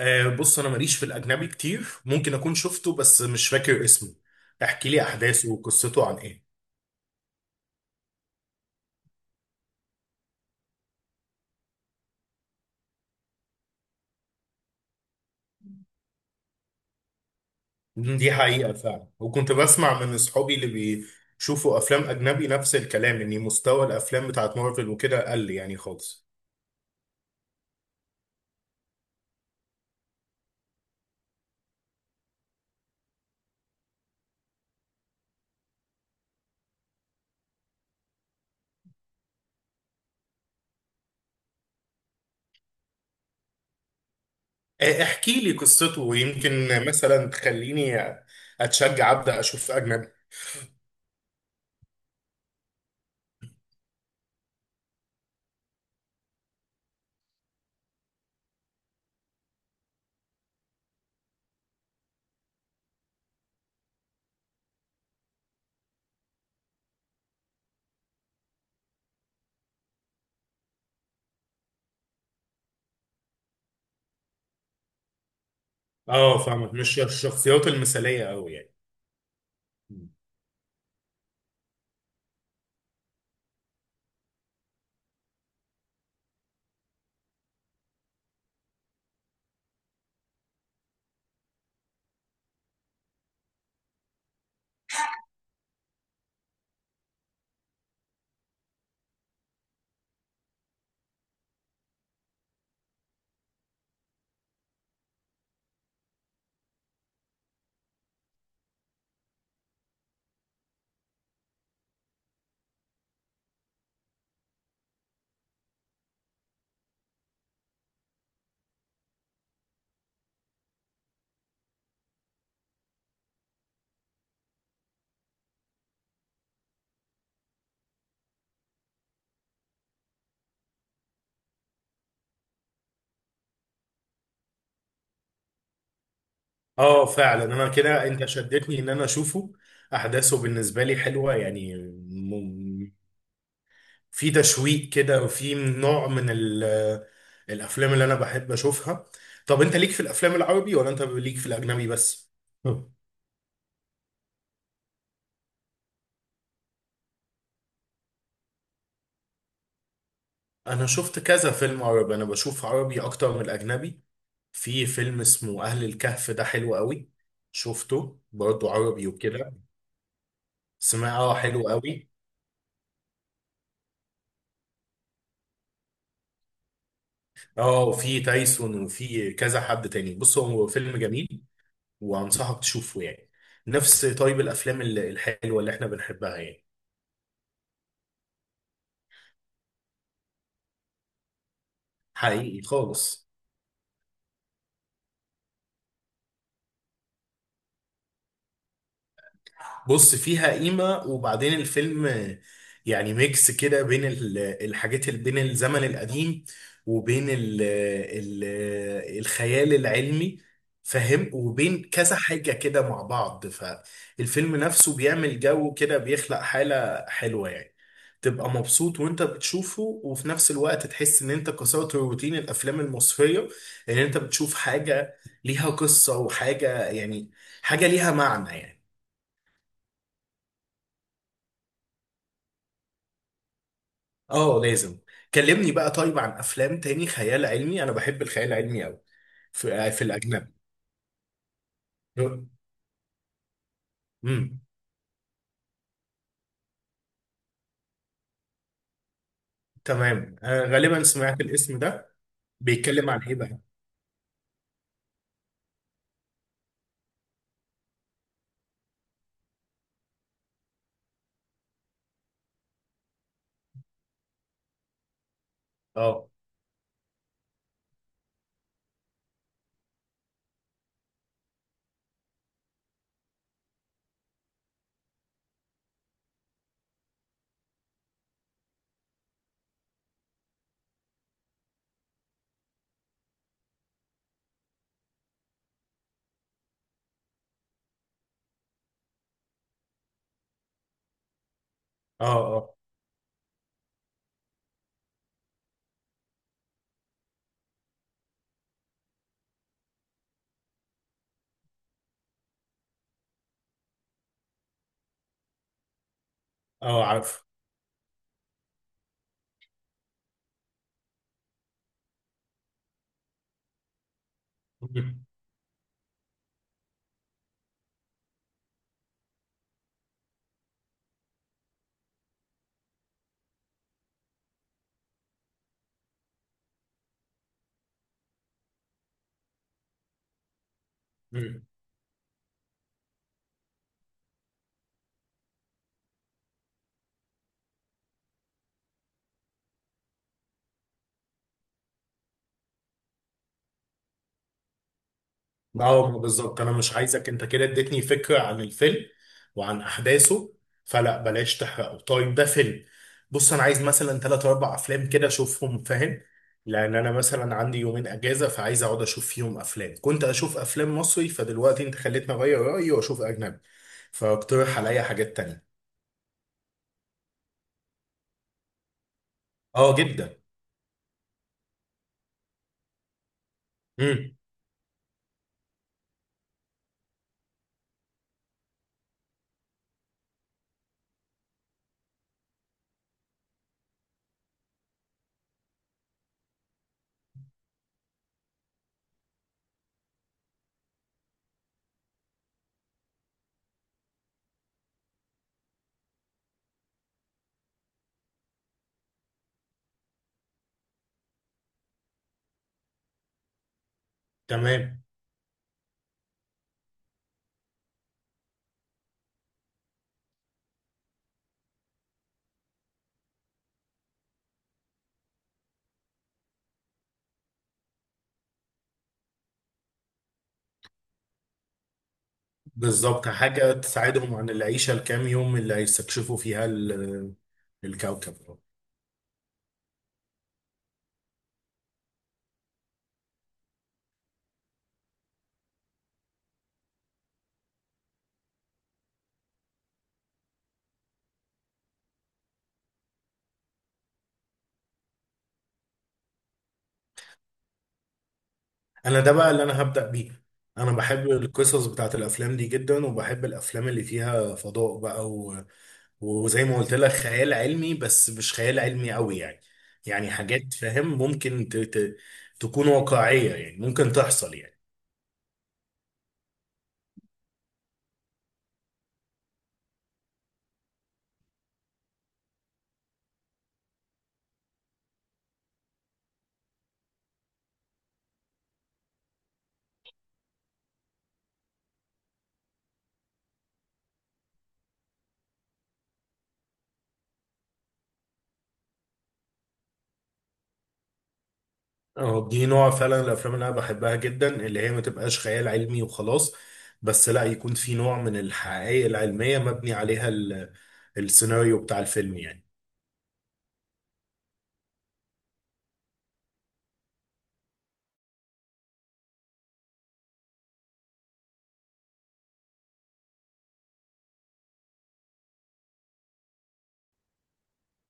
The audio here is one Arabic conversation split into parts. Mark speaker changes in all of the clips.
Speaker 1: آه بص انا ماليش في الاجنبي كتير، ممكن اكون شفته بس مش فاكر اسمه. احكي لي احداثه وقصته عن ايه؟ دي حقيقة فعلا، وكنت بسمع من اصحابي اللي بيشوفوا افلام اجنبي نفس الكلام، ان مستوى الافلام بتاعت مارفل وكده قل يعني خالص. آه احكي لي قصته، ويمكن مثلا تخليني اتشجع ابدا اشوف اجنبي. اه فاهمك، مش الشخصيات المثالية قوي يعني. اه فعلا، انا كده انت شدتني ان انا اشوفه. احداثه بالنسبه لي حلوه يعني، في تشويق كده، وفي نوع من الافلام اللي انا بحب اشوفها. طب انت ليك في الافلام العربي، ولا انت ليك في الاجنبي بس؟ هم. انا شفت كذا فيلم عربي، انا بشوف عربي اكتر من الاجنبي. في فيلم اسمه اهل الكهف، ده حلو قوي. شفته برضه، عربي وكده. سمعه حلو قوي. اه، وفي تايسون وفي كذا حد تاني. بص هو فيلم جميل، وانصحك تشوفه يعني. نفس طيب الافلام الحلوه اللي احنا بنحبها يعني. حقيقي خالص. بص فيها قيمة، وبعدين الفيلم يعني ميكس كده بين الحاجات اللي بين الزمن القديم، وبين ال الخيال العلمي، فاهم، وبين كذا حاجة كده مع بعض. فالفيلم نفسه بيعمل جو كده، بيخلق حالة حلوة يعني. تبقى مبسوط وانت بتشوفه، وفي نفس الوقت تحس ان انت كسرت روتين الافلام المصرية، ان انت بتشوف حاجة ليها قصة وحاجة يعني، حاجة ليها معنى يعني. اه لازم. كلمني بقى طيب عن افلام تاني خيال علمي، انا بحب الخيال العلمي قوي، في الاجنبي. امم، تمام آه غالبا سمعت الاسم ده. بيتكلم عن ايه بقى؟ اه، اه، اه. اه عارف. اه بالظبط، انا مش عايزك، انت كده اديتني فكره عن الفيلم وعن احداثه، فلا بلاش تحرقه. طيب ده فيلم، بص انا عايز مثلا ثلاث اربع افلام كده اشوفهم، فاهم، لان انا مثلا عندي يومين اجازه، فعايز اقعد اشوف فيهم افلام. كنت اشوف افلام مصري، فدلوقتي انت خليتني اغير رايي واشوف اجنبي، فاقترح عليا حاجات تانية. اه جدا. امم. تمام بالظبط، حاجه تساعدهم عن العيشه الكام يوم اللي هيستكشفوا فيها الكوكب. انا ده بقى اللي انا هبدأ بيه. انا بحب القصص بتاعت الافلام دي جدا، وبحب الافلام اللي فيها فضاء بقى، وزي ما قلت لك خيال علمي، بس مش خيال علمي قوي يعني. يعني حاجات فاهم، ممكن تكون واقعية يعني، ممكن تحصل يعني. اه دي نوع فعلا الافلام اللي انا بحبها جدا، اللي هي ما تبقاش خيال علمي وخلاص، بس لا يكون في نوع من الحقائق العلمية مبني عليها السيناريو بتاع الفيلم يعني.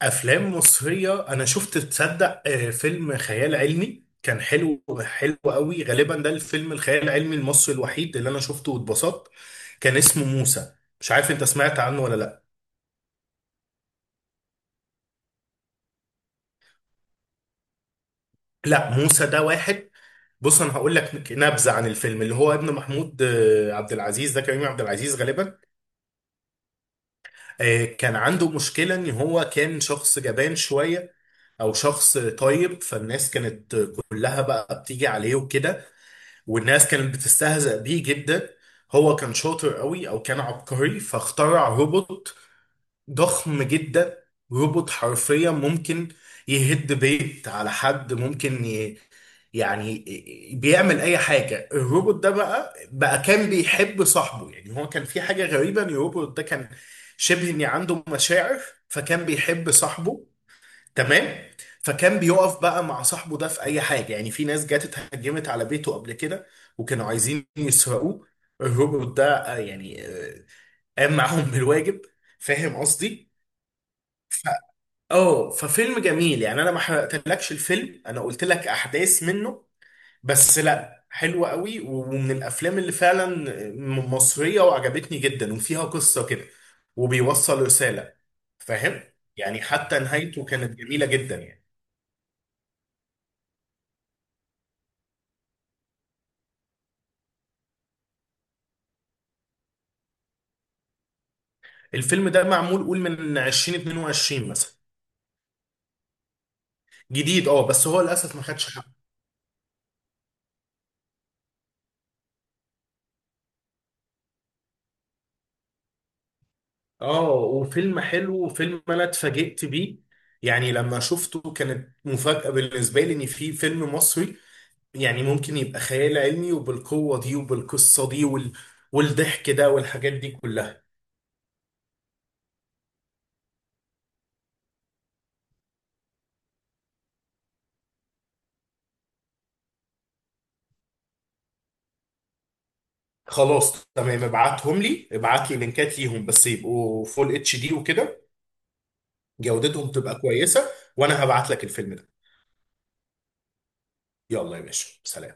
Speaker 1: افلام مصريه انا شفت، تصدق فيلم خيال علمي كان حلو، حلو قوي، غالبا ده الفيلم الخيال العلمي المصري الوحيد اللي انا شفته واتبسطت. كان اسمه موسى، مش عارف انت سمعت عنه ولا لا. لا موسى ده واحد، بص انا هقول لك نبذه عن الفيلم. اللي هو ابن محمود عبد العزيز، ده كريم عبد العزيز غالبا. كان عنده مشكله ان هو كان شخص جبان شويه، او شخص طيب، فالناس كانت كلها بقى بتيجي عليه وكده، والناس كانت بتستهزأ بيه جدا. هو كان شاطر قوي، او كان عبقري، فاخترع روبوت ضخم جدا. روبوت حرفيا ممكن يهد بيت على حد، ممكن يعني بيعمل اي حاجه. الروبوت ده بقى، كان بيحب صاحبه يعني. هو كان في حاجه غريبه، ان الروبوت ده كان شبه ان عنده مشاعر، فكان بيحب صاحبه. تمام. فكان بيقف بقى مع صاحبه ده في اي حاجه يعني. في ناس جت اتهجمت على بيته قبل كده، وكانوا عايزين يسرقوه، الروبوت ده آه، يعني آه، قام معاهم بالواجب. فاهم قصدي. ف... اه ففيلم جميل يعني. انا ما حرقتلكش الفيلم، انا قلت لك احداث منه بس، لا حلوه قوي، ومن الافلام اللي فعلا مصريه وعجبتني جدا، وفيها قصه كده وبيوصل رساله. فاهم يعني حتى نهايته كانت جميله جدا يعني. الفيلم ده معمول، قول من 2022 مثلا. جديد اه، بس هو للاسف ما خدش حقه. اه وفيلم حلو، وفيلم انا اتفاجئت بيه يعني لما شفته، كانت مفاجأة بالنسبة لي ان في فيلم مصري يعني ممكن يبقى خيال علمي، وبالقوة دي وبالقصة دي والضحك ده والحاجات دي كلها. خلاص تمام، ابعتهم لي، ابعت لي لينكات ليهم بس يبقوا فول HD وكده، جودتهم تبقى كويسة. وانا هبعت لك الفيلم ده. يلا يا باشا، سلام.